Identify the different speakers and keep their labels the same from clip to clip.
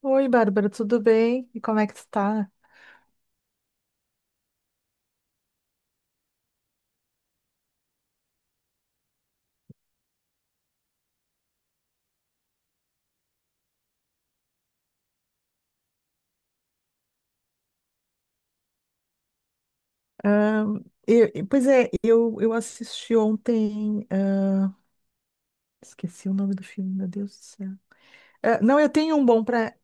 Speaker 1: Oi, Bárbara, tudo bem? E como é que tu tá? Ah, pois é, eu assisti ontem. Esqueci o nome do filme, meu Deus do céu. Ah, não, eu tenho um bom para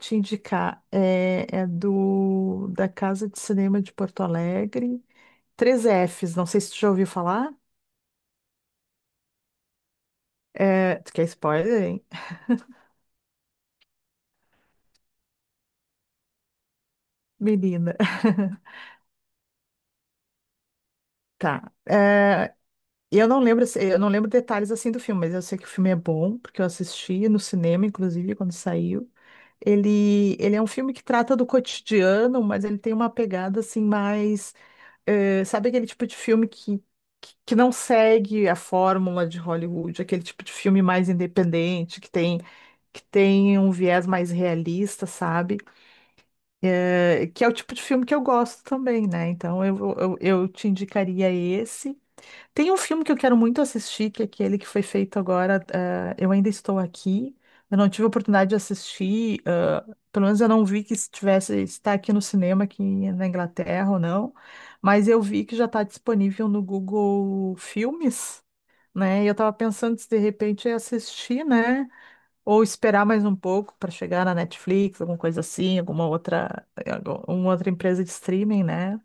Speaker 1: te indicar. É, é do da Casa de Cinema de Porto Alegre. Três fs, não sei se tu já ouviu falar. É, tu quer spoiler, hein? Menina. Tá. E eu não lembro, assim, eu não lembro detalhes assim do filme, mas eu sei que o filme é bom, porque eu assisti no cinema, inclusive, quando saiu. Ele é um filme que trata do cotidiano, mas ele tem uma pegada assim mais, sabe aquele tipo de filme que não segue a fórmula de Hollywood, aquele tipo de filme mais independente, que tem um viés mais realista, sabe? Que é o tipo de filme que eu gosto também, né? Então eu te indicaria esse. Tem um filme que eu quero muito assistir, que é aquele que foi feito agora, Eu Ainda Estou Aqui. Eu não tive a oportunidade de assistir, pelo menos eu não vi que está aqui no cinema, aqui na Inglaterra ou não, mas eu vi que já está disponível no Google Filmes, né? E eu estava pensando se de repente eu assistir, né? Ou esperar mais um pouco para chegar na Netflix, alguma coisa assim, alguma outra empresa de streaming, né?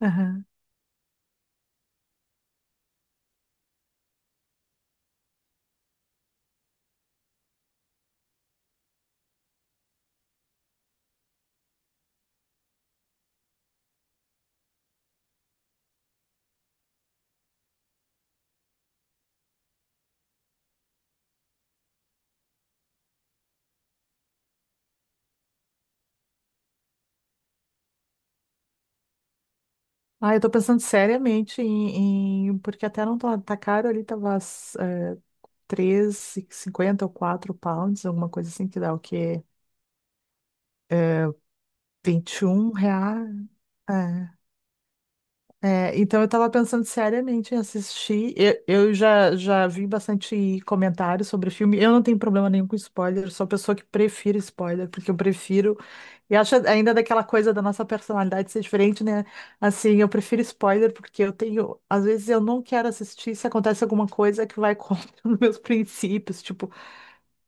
Speaker 1: Aham. Ah, eu tô pensando seriamente em, porque até não tá, tá caro ali, tava é, 3,50 ou 4 pounds, alguma coisa assim, que dá o quê? R$ 21. É. É, então eu tava pensando seriamente em assistir. Já vi bastante comentários sobre o filme. Eu não tenho problema nenhum com spoiler, sou pessoa que prefiro spoiler, porque eu prefiro. E acho ainda daquela coisa da nossa personalidade ser diferente, né? Assim, eu prefiro spoiler porque eu tenho. Às vezes eu não quero assistir se acontece alguma coisa que vai contra os meus princípios. Tipo,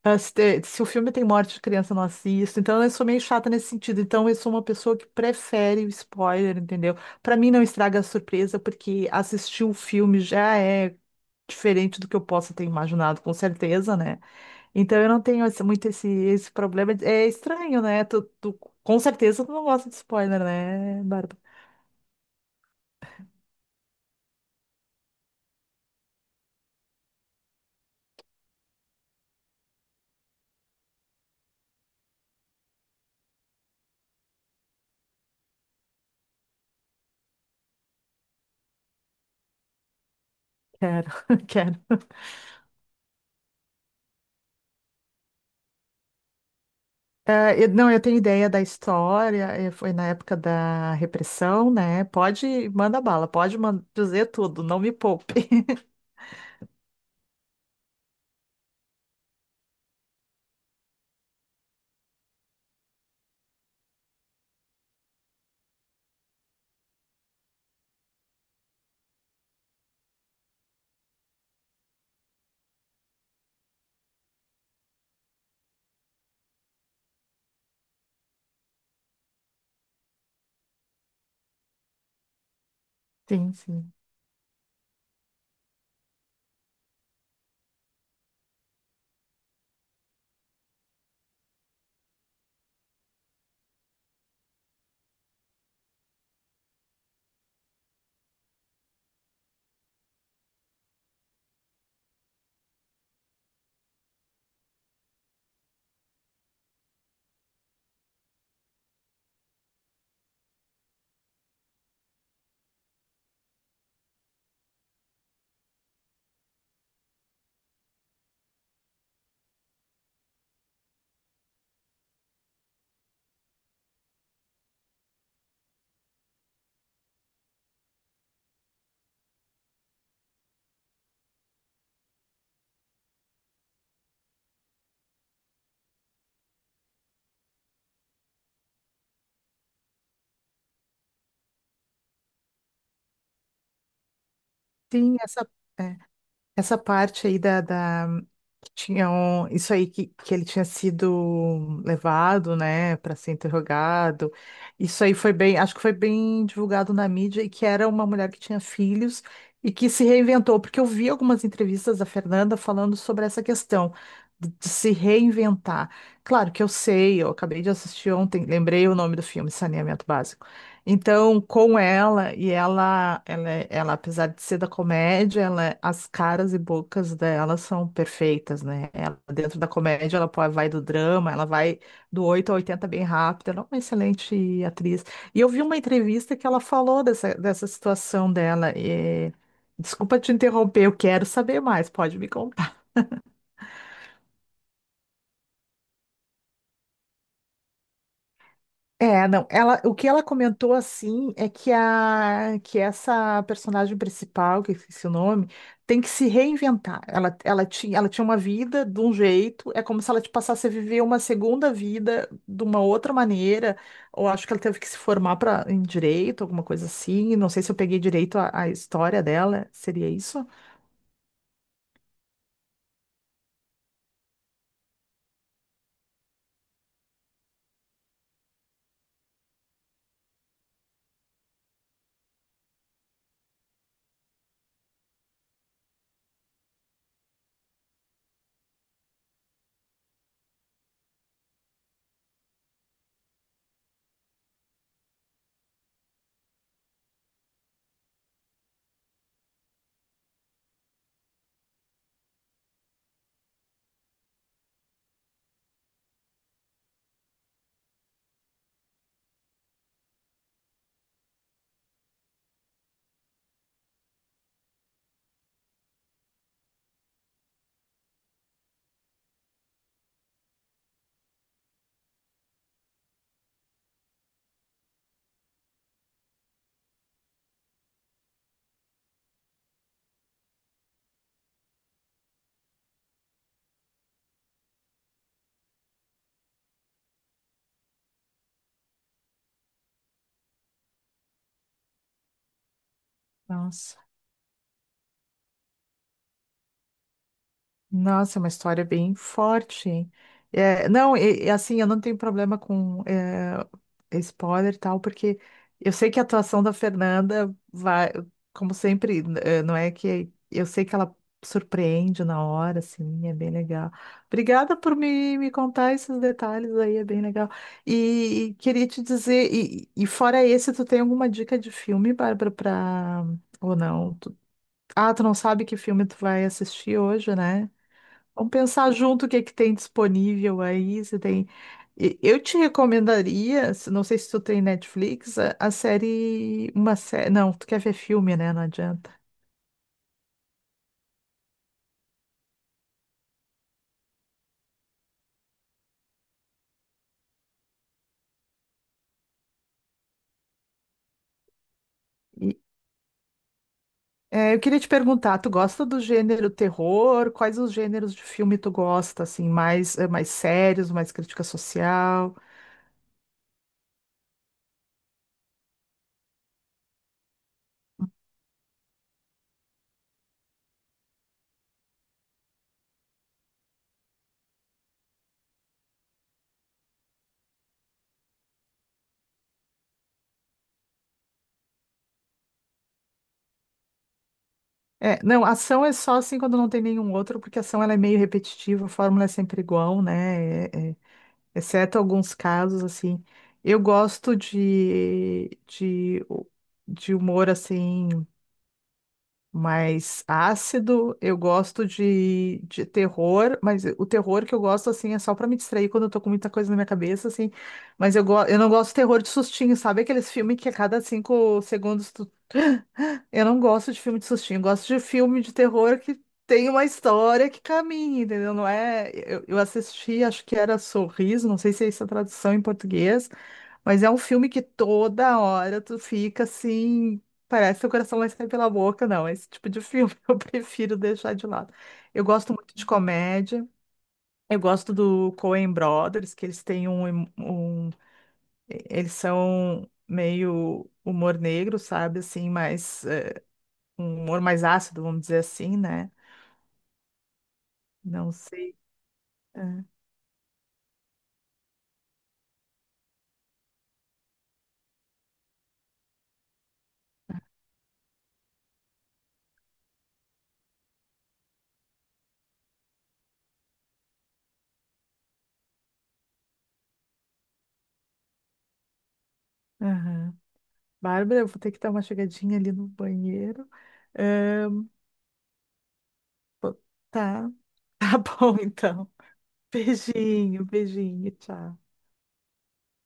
Speaker 1: ah, se o filme tem morte de criança, eu não assisto. Então, eu sou meio chata nesse sentido. Então, eu sou uma pessoa que prefere o spoiler, entendeu? Pra mim, não estraga a surpresa, porque assistir o filme já é diferente do que eu possa ter imaginado, com certeza, né? Então, eu não tenho esse problema. É estranho, né? Com certeza, tu não gosta de spoiler, né, Bárbara? Quero, quero. É, não, eu tenho ideia da história, é, foi na época da repressão, né? Pode, manda bala, dizer tudo, não me poupe. Sim, sim. Sim, essa. é, Essa parte aí que tinham isso aí que ele tinha sido levado, né, para ser interrogado. Isso aí foi bem, acho que foi bem divulgado na mídia e que era uma mulher que tinha filhos e que se reinventou, porque eu vi algumas entrevistas da Fernanda falando sobre essa questão de se reinventar. Claro que eu sei, eu acabei de assistir ontem, lembrei o nome do filme, Saneamento Básico. Então, com ela, ela, apesar de ser da comédia, ela, as caras e bocas dela são perfeitas, né? Ela, dentro da comédia, vai do drama, ela vai do 8 a 80 bem rápido, ela é uma excelente atriz. E eu vi uma entrevista que ela falou dessa situação dela. Desculpa te interromper, eu quero saber mais, pode me... É, não, ela, o que ela comentou assim é que a que essa personagem principal, que eu esqueci o nome, tem que se reinventar. Ela tinha uma vida de um jeito, é como se ela te passasse a viver uma segunda vida de uma outra maneira, ou acho que ela teve que se formar para em direito, alguma coisa assim. Não sei se eu peguei direito a história dela, seria isso? Nossa. Nossa, é uma história bem forte, hein? É, não, e assim, eu não tenho problema com spoiler e tal, porque eu sei que a atuação da Fernanda vai, como sempre, não é que eu sei que ela surpreende na hora, assim, é bem legal. Obrigada por me contar esses detalhes aí, é bem legal. E queria te dizer, e fora esse, tu tem alguma dica de filme, Bárbara, pra, ou não? Ah, tu não sabe que filme tu vai assistir hoje, né? Vamos pensar junto o que é que tem disponível aí. Você tem. Eu te recomendaria, não sei se tu tem Netflix, a série, uma série. Não, tu quer ver filme, né? Não adianta. E, é, eu queria te perguntar, tu gosta do gênero terror? Quais os gêneros de filme tu gosta, assim, mais, é, mais sérios, mais crítica social? É, não, ação é só assim quando não tem nenhum outro, porque ação ela é meio repetitiva, a fórmula é sempre igual, né? Exceto alguns casos, assim. Eu gosto de humor, assim, mais ácido. Eu gosto de terror, mas o terror que eu gosto, assim, é só pra me distrair quando eu tô com muita coisa na minha cabeça, assim. Mas eu não gosto de terror de sustinho, sabe? Aqueles filmes que a cada 5 segundos tu... eu não gosto de filme de sustinho, eu gosto de filme de terror que tem uma história que caminha, entendeu? Não é. Eu assisti, acho que era Sorriso, não sei se é essa a tradução em português, mas é um filme que toda hora tu fica assim. Parece que o coração vai sair pela boca, não. Esse tipo de filme eu prefiro deixar de lado. Eu gosto muito de comédia. Eu gosto do Coen Brothers, que eles têm eles são meio humor negro, sabe? Assim, mas um humor mais ácido, vamos dizer assim, né? Não sei. É, aham. Bárbara, eu vou ter que dar uma chegadinha ali no banheiro. Ahn, pô, tá, tá bom então. Beijinho, beijinho, tchau.